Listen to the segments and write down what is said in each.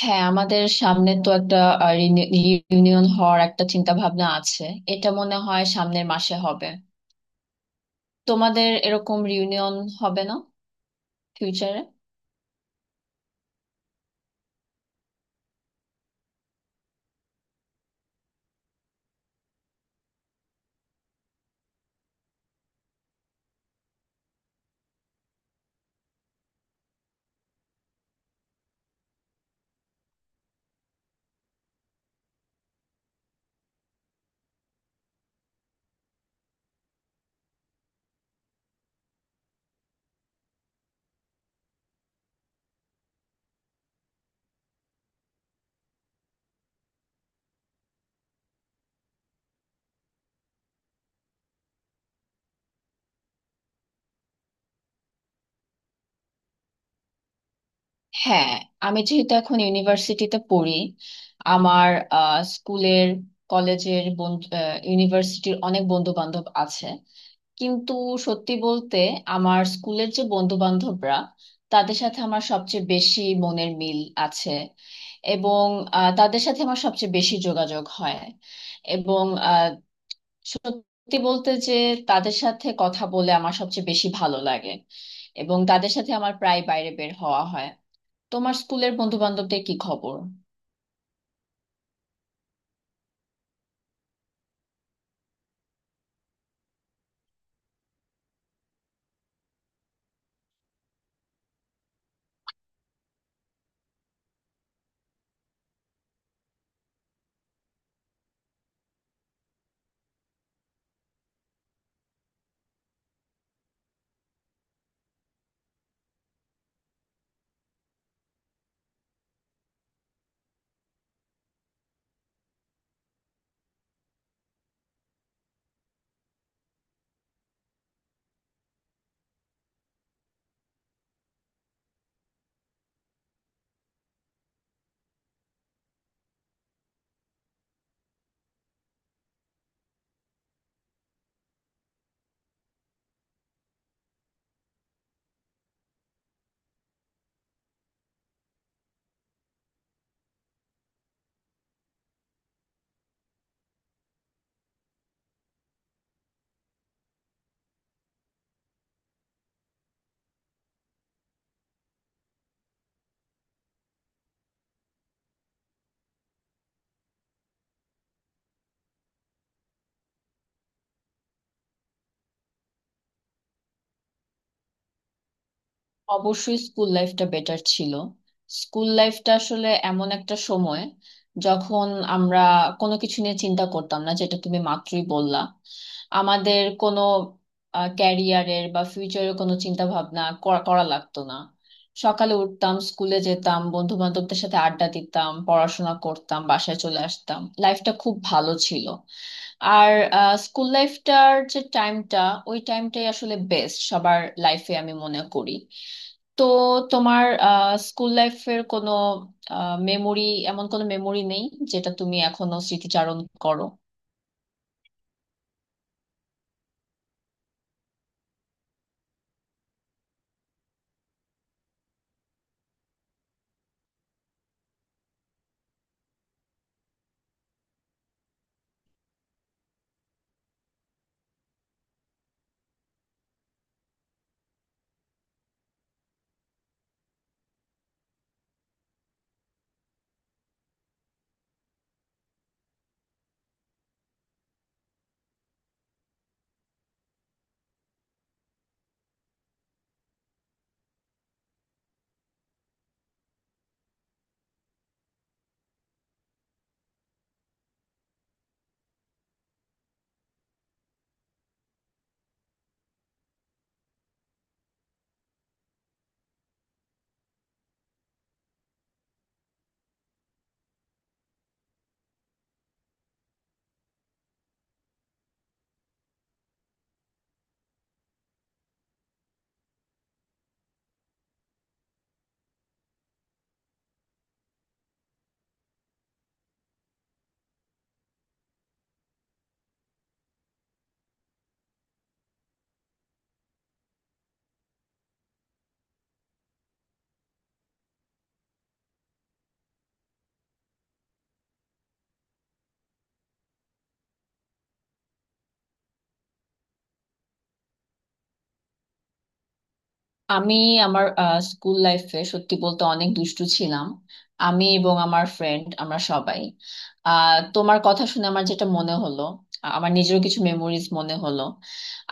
হ্যাঁ, আমাদের সামনে তো একটা রিউনিয়ন হওয়ার একটা চিন্তা ভাবনা আছে। এটা মনে হয় সামনের মাসে হবে। তোমাদের এরকম রিউনিয়ন হবে না ফিউচারে? হ্যাঁ, আমি যেহেতু এখন ইউনিভার্সিটিতে পড়ি, আমার স্কুলের, কলেজের বন্ধু, ইউনিভার্সিটির অনেক বন্ধু বান্ধব আছে। কিন্তু সত্যি বলতে, আমার স্কুলের যে বন্ধু বান্ধবরা, তাদের সাথে আমার সবচেয়ে বেশি মনের মিল আছে, এবং তাদের সাথে আমার সবচেয়ে বেশি যোগাযোগ হয়। এবং সত্যি বলতে যে তাদের সাথে কথা বলে আমার সবচেয়ে বেশি ভালো লাগে, এবং তাদের সাথে আমার প্রায় বাইরে বের হওয়া হয়। তোমার স্কুলের বন্ধু বান্ধবদের কি খবর? অবশ্যই স্কুল লাইফটা বেটার ছিল। স্কুল লাইফটা আসলে এমন একটা সময় যখন আমরা কোনো কিছু নিয়ে চিন্তা করতাম না, যেটা তুমি মাত্রই বললা। আমাদের কোনো ক্যারিয়ারের বা ফিউচারের কোনো চিন্তা ভাবনা করা করা লাগতো না। সকালে উঠতাম, স্কুলে যেতাম, বন্ধু বান্ধবদের সাথে আড্ডা দিতাম, পড়াশোনা করতাম, বাসায় চলে আসতাম, লাইফটা খুব ভালো ছিল। আর স্কুল লাইফটার যে টাইমটা, ওই টাইমটাই আসলে বেস্ট সবার লাইফে, আমি মনে করি। তো তোমার স্কুল লাইফের কোনো মেমোরি, এমন কোনো মেমোরি নেই যেটা তুমি এখনো স্মৃতিচারণ করো? আমি আমার স্কুল লাইফে সত্যি বলতে অনেক দুষ্টু ছিলাম। আমি এবং আমার ফ্রেন্ড আমরা সবাই, তোমার কথা শুনে আমার যেটা মনে হলো, আমার নিজেরও কিছু মেমোরিজ মনে হলো।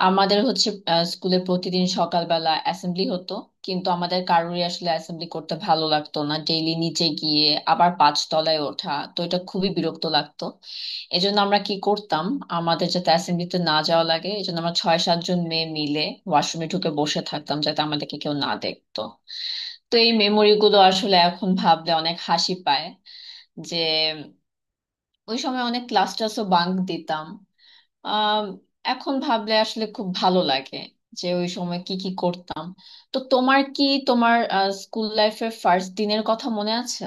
আমাদের হচ্ছে স্কুলে প্রতিদিন সকালবেলা অ্যাসেম্বলি হতো, কিন্তু আমাদের কারোরই আসলে অ্যাসেম্বলি করতে ভালো লাগতো না। ডেইলি নিচে গিয়ে আবার 5 তলায় ওঠা, তো এটা খুবই বিরক্ত লাগতো। এই জন্য আমরা কি করতাম, আমাদের যাতে অ্যাসেম্বলিতে না যাওয়া লাগে, এই জন্য আমরা 6-7 জন মেয়ে মিলে ওয়াশরুমে ঢুকে বসে থাকতাম যাতে আমাদেরকে কেউ না দেখতো। তো এই মেমোরি গুলো আসলে এখন ভাবলে অনেক হাসি পায়, যে ওই সময় অনেক ক্লাস টাসও বাঙ্ক দিতাম। আহ এখন ভাবলে আসলে খুব ভালো লাগে যে ওই সময় কি কি করতাম। তো তোমার কি, তোমার স্কুল লাইফের ফার্স্ট দিনের কথা মনে আছে?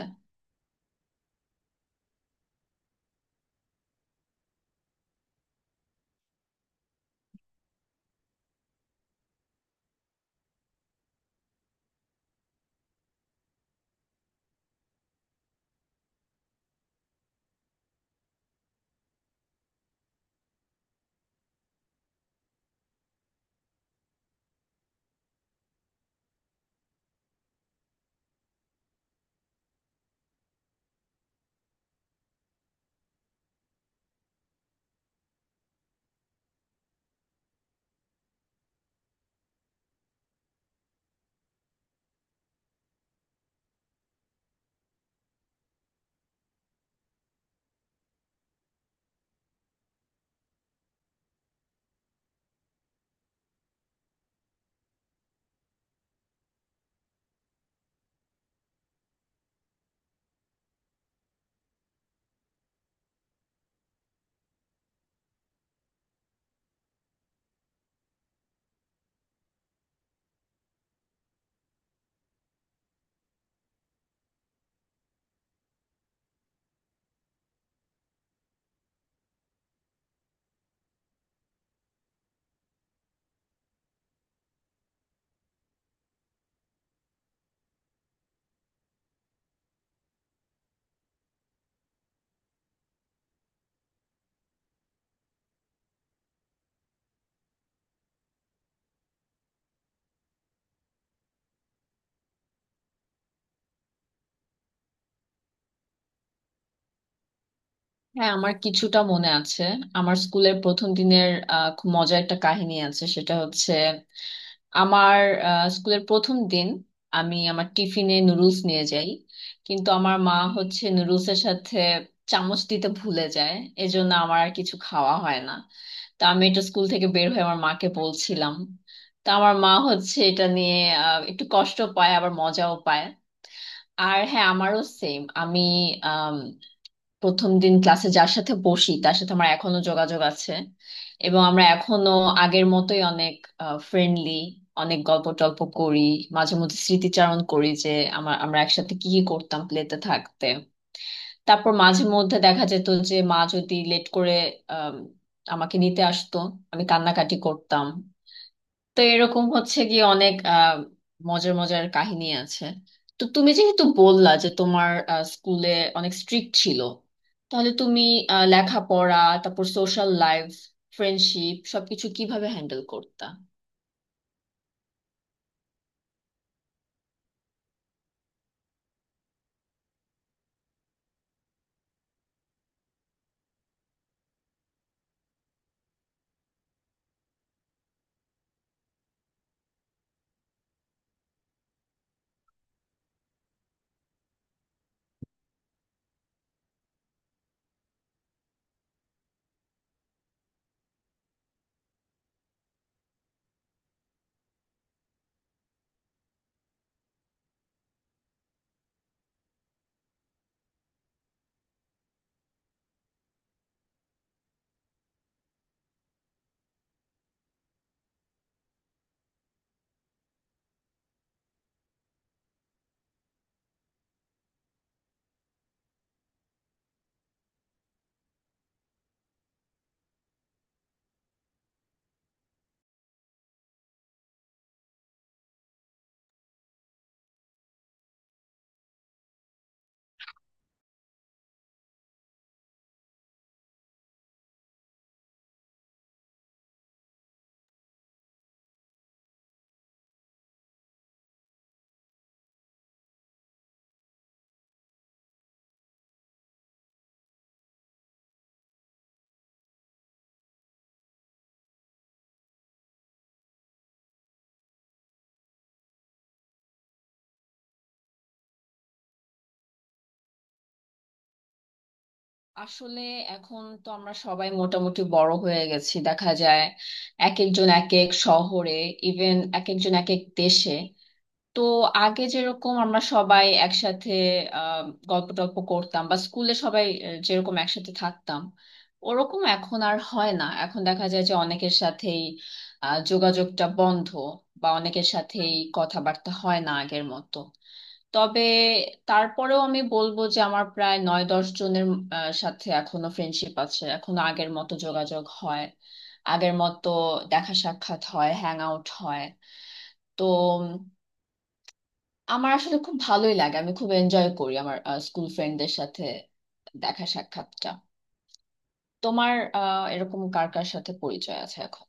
হ্যাঁ, আমার কিছুটা মনে আছে। আমার স্কুলের প্রথম দিনের খুব মজার একটা কাহিনী আছে। সেটা হচ্ছে, আমার স্কুলের প্রথম দিন আমি আমার টিফিনে নুডলস নিয়ে যাই, কিন্তু আমার মা হচ্ছে নুডলসের সাথে চামচ দিতে ভুলে যায়। এজন্য আমার আর কিছু খাওয়া হয় না। তা আমি এটা স্কুল থেকে বের হয়ে আমার মাকে বলছিলাম। তা আমার মা হচ্ছে এটা নিয়ে একটু কষ্ট পায়, আবার মজাও পায়। আর হ্যাঁ, আমারও সেম, আমি প্রথম দিন ক্লাসে যার সাথে বসি, তার সাথে আমার এখনো যোগাযোগ আছে, এবং আমরা এখনো আগের মতোই অনেক ফ্রেন্ডলি, অনেক গল্প টল্প করি, মাঝে মধ্যে স্মৃতিচারণ করি যে আমার, আমরা একসাথে কি কি করতাম প্লেতে থাকতে। তারপর মাঝে মধ্যে দেখা যেত যে মা যদি লেট করে আম, আমাকে নিতে আসতো, আমি কান্নাকাটি করতাম। তো এরকম হচ্ছে গিয়ে অনেক মজার মজার কাহিনী আছে। তো তুমি যেহেতু বললা যে তোমার স্কুলে অনেক স্ট্রিক্ট ছিল, তাহলে তুমি লেখাপড়া, তারপর সোশ্যাল লাইফ, ফ্রেন্ডশিপ সবকিছু কিভাবে হ্যান্ডেল করতা? আসলে এখন তো আমরা সবাই মোটামুটি বড় হয়ে গেছি। দেখা যায় এক একজন এক এক শহরে, ইভেন এক একজন এক এক দেশে। তো আগে যেরকম আমরা সবাই একসাথে আহ গল্প টল্প করতাম, বা স্কুলে সবাই যেরকম একসাথে থাকতাম, ওরকম এখন আর হয় না। এখন দেখা যায় যে অনেকের সাথেই যোগাযোগটা বন্ধ, বা অনেকের সাথেই কথাবার্তা হয় না আগের মতো। তবে তারপরেও আমি বলবো যে আমার প্রায় 9-10 জনের সাথে এখনো ফ্রেন্ডশিপ আছে, এখনো আগের মতো যোগাযোগ হয়, আগের মতো দেখা সাক্ষাৎ হয়, হ্যাং আউট হয়। তো আমার আসলে খুব ভালোই লাগে, আমি খুব এনজয় করি আমার স্কুল ফ্রেন্ডদের সাথে দেখা সাক্ষাৎটা। তোমার এরকম কার কার সাথে পরিচয় আছে এখন?